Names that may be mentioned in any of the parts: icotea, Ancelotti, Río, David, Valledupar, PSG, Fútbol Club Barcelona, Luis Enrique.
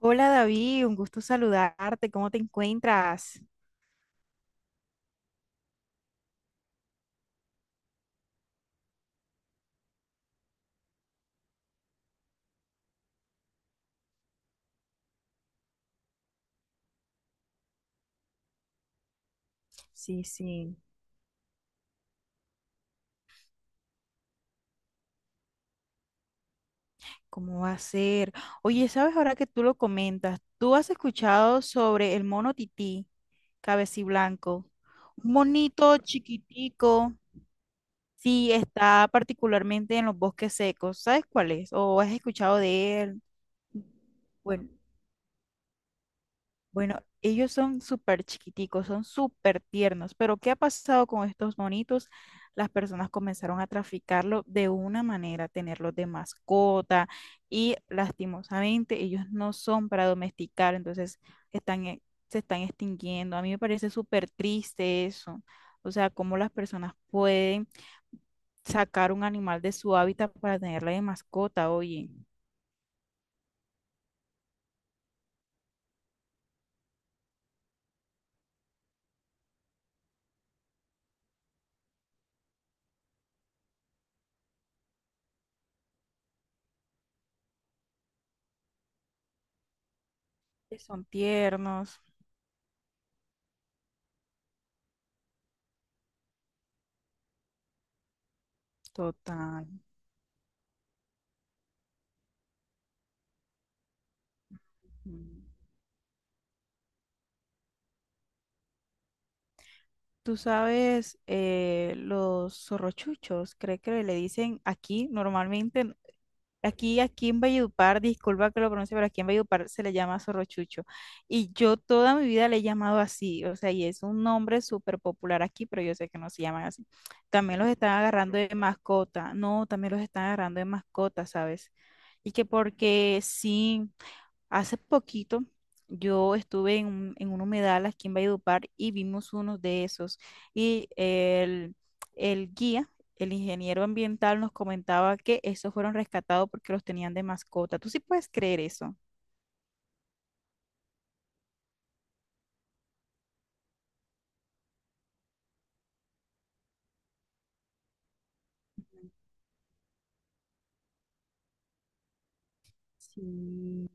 Hola David, un gusto saludarte. ¿Cómo te encuentras? Sí, sí, ¿cómo va a ser? Oye, ¿sabes ahora que tú lo comentas? ¿Tú has escuchado sobre el mono tití, cabeciblanco? Un monito chiquitico, sí, está particularmente en los bosques secos. ¿Sabes cuál es? ¿O has escuchado de él? Bueno. Bueno, ellos son súper chiquiticos, son súper tiernos, pero ¿qué ha pasado con estos monitos? Las personas comenzaron a traficarlo de una manera, tenerlos de mascota y lastimosamente ellos no son para domesticar, entonces están, se están extinguiendo. A mí me parece súper triste eso, o sea, cómo las personas pueden sacar un animal de su hábitat para tenerla de mascota, oye, que son tiernos, total. Tú sabes, los zorrochuchos, creo que le dicen aquí normalmente, aquí, aquí en Valledupar, disculpa que lo pronuncie, pero aquí en Valledupar se le llama zorrochucho. Y yo toda mi vida le he llamado así, o sea, y es un nombre súper popular aquí, pero yo sé que no se llaman así. También los están agarrando de mascota, no, también los están agarrando de mascota, ¿sabes? Y que porque sí. Hace poquito yo estuve en un humedal aquí en Valledupar y vimos unos de esos. Y el guía, el ingeniero ambiental, nos comentaba que esos fueron rescatados porque los tenían de mascota. ¿Tú sí puedes creer eso? Sí.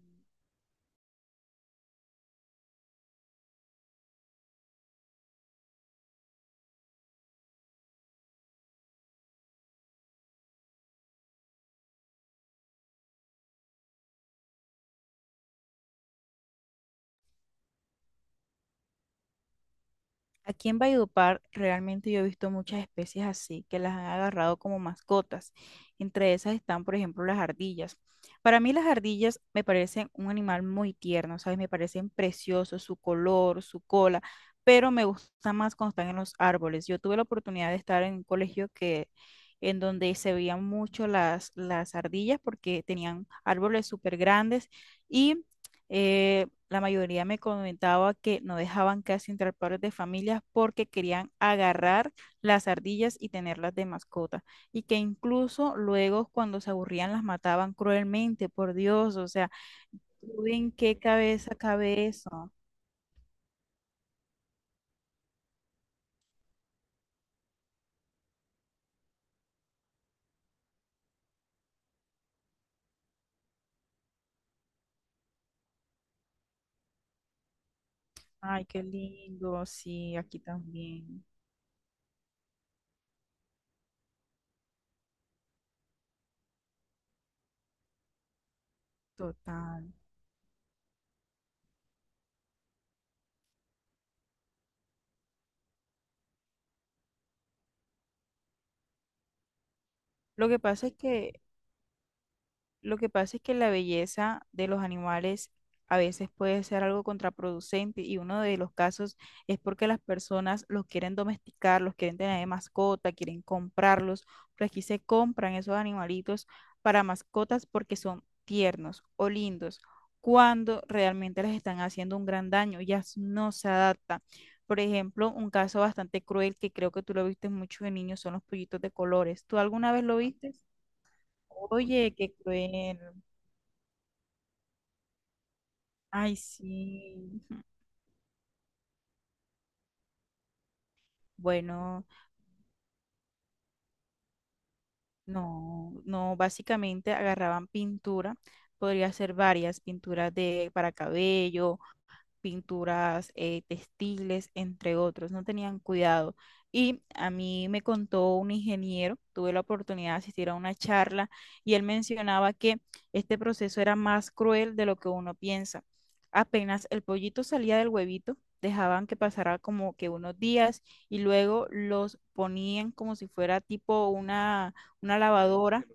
Aquí en Valledupar realmente yo he visto muchas especies así que las han agarrado como mascotas. Entre esas están, por ejemplo, las ardillas. Para mí las ardillas me parecen un animal muy tierno, ¿sabes? Me parecen preciosos, su color, su cola, pero me gusta más cuando están en los árboles. Yo tuve la oportunidad de estar en un colegio que en donde se veían mucho las ardillas porque tenían árboles súper grandes y eh, la mayoría me comentaba que no dejaban casi entrar padres de familias porque querían agarrar las ardillas y tenerlas de mascota. Y que incluso luego cuando se aburrían las mataban cruelmente, por Dios. O sea, ¿tú en qué cabeza cabe eso? Ay, qué lindo. Sí, aquí también. Total. Lo que pasa es que Lo que pasa es que la belleza de los animales a veces puede ser algo contraproducente y uno de los casos es porque las personas los quieren domesticar, los quieren tener de mascota, quieren comprarlos, pero aquí se compran esos animalitos para mascotas porque son tiernos o lindos, cuando realmente les están haciendo un gran daño, ya no se adaptan. Por ejemplo, un caso bastante cruel que creo que tú lo viste mucho de niños son los pollitos de colores. ¿Tú alguna vez lo viste? Oye, qué cruel. Ay, sí. Bueno, no, no, básicamente agarraban pintura, podría ser varias pinturas de para cabello pinturas textiles, entre otros, no tenían cuidado. Y a mí me contó un ingeniero, tuve la oportunidad de asistir a una charla y él mencionaba que este proceso era más cruel de lo que uno piensa. Apenas el pollito salía del huevito, dejaban que pasara como que unos días y luego los ponían como si fuera tipo una lavadora.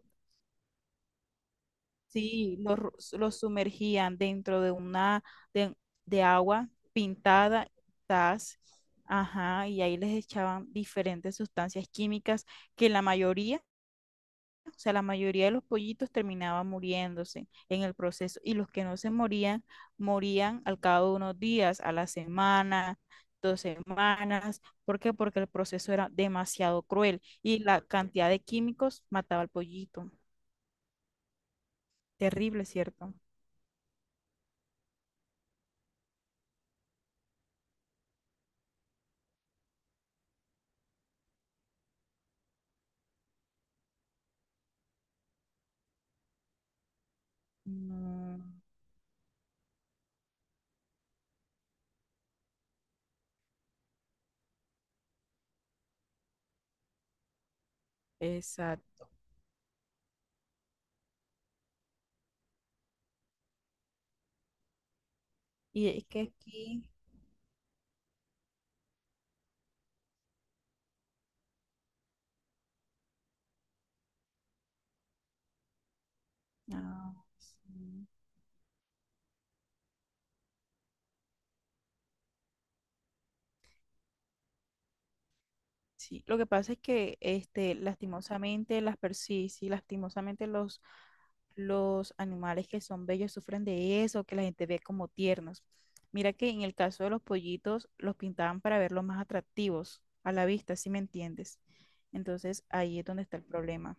Sí, los, los sumergían dentro de una de, de agua pintada, tas, ajá, y ahí les echaban diferentes sustancias químicas que la mayoría, o sea, la mayoría de los pollitos terminaban muriéndose en el proceso y los que no se morían, morían al cabo de unos días, a la semana, dos semanas. ¿Por qué? Porque el proceso era demasiado cruel y la cantidad de químicos mataba al pollito. Terrible, ¿cierto? No. Exacto. Y es que aquí, ah, sí, sí. Lo que pasa es que, este, lastimosamente, sí, sí, lastimosamente los animales que son bellos sufren de eso, que la gente ve como tiernos. Mira que en el caso de los pollitos, los pintaban para verlos más atractivos a la vista, si me entiendes. Entonces, ahí es donde está el problema.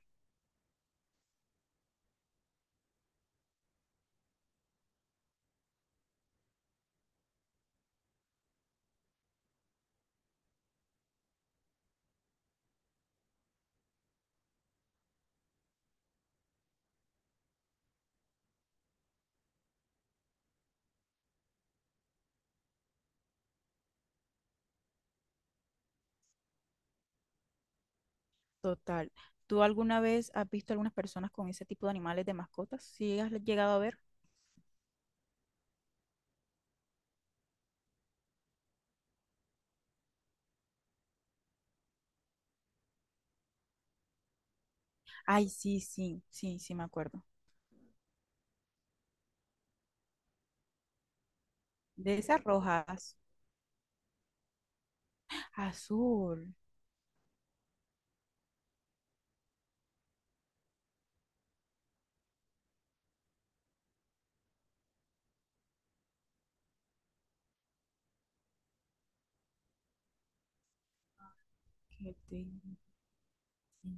Total. ¿Tú alguna vez has visto algunas personas con ese tipo de animales de mascotas? ¿Sí has llegado a ver? Ay, sí, sí, sí, sí, me acuerdo. De esas rojas. Azul. que te-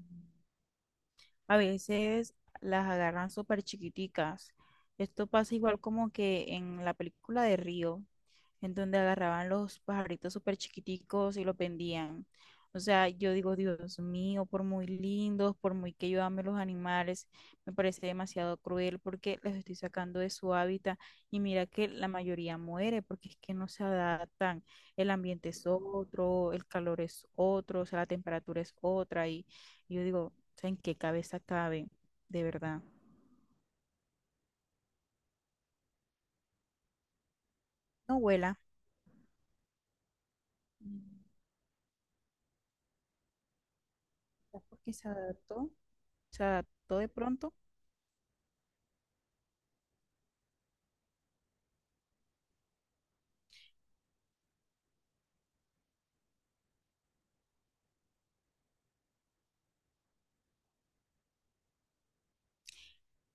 A veces las agarran súper chiquiticas. Esto pasa igual como que en la película de Río, en donde agarraban los pajaritos súper chiquiticos y los vendían. O sea, yo digo, Dios mío, por muy lindos, por muy que yo ame los animales, me parece demasiado cruel porque los estoy sacando de su hábitat y mira que la mayoría muere porque es que no se adaptan. El ambiente es otro, el calor es otro, o sea, la temperatura es otra y yo digo, o sea, ¿en qué cabeza cabe? De verdad. No vuela. Mm, ¿Será porque se adaptó? Se adaptó de pronto.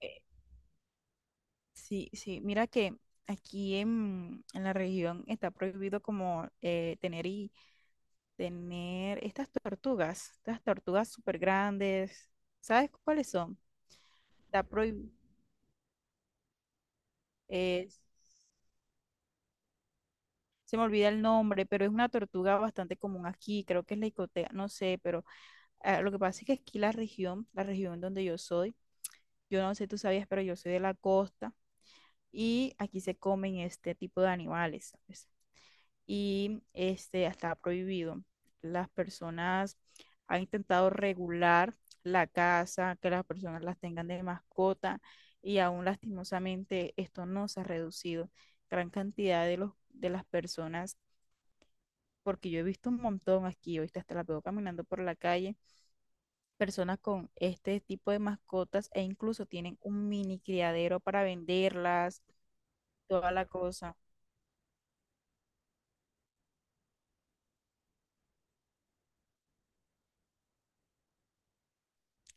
Eh, sí, sí. Mira que aquí en la región está prohibido como tener y tener estas tortugas súper grandes. ¿Sabes cuáles son? Está prohibido. Se me olvida el nombre, pero es una tortuga bastante común aquí. Creo que es la icotea, no sé, pero ah, lo que pasa es que aquí la región donde yo soy. Yo no sé, tú sabías, pero yo soy de la costa y aquí se comen este tipo de animales, ¿sabes? Y este está prohibido. Las personas han intentado regular la caza que las personas las tengan de mascota y aún lastimosamente esto no se ha reducido. Gran cantidad de los de las personas, porque yo he visto un montón aquí, ahorita hasta la veo caminando por la calle personas con este tipo de mascotas e incluso tienen un mini criadero para venderlas, toda la cosa.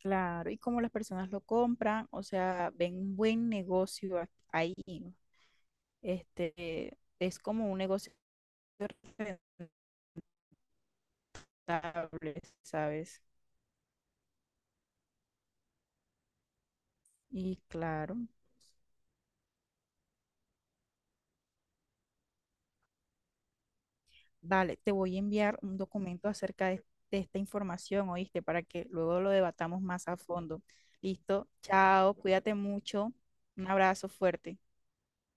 Claro, y como las personas lo compran, o sea, ven un buen negocio ahí, este, es como un negocio rentable, ¿sabes? Y claro, vale, te voy a enviar un documento acerca de esta información, ¿oíste? Para que luego lo debatamos más a fondo. Listo, chao, cuídate mucho, un abrazo fuerte.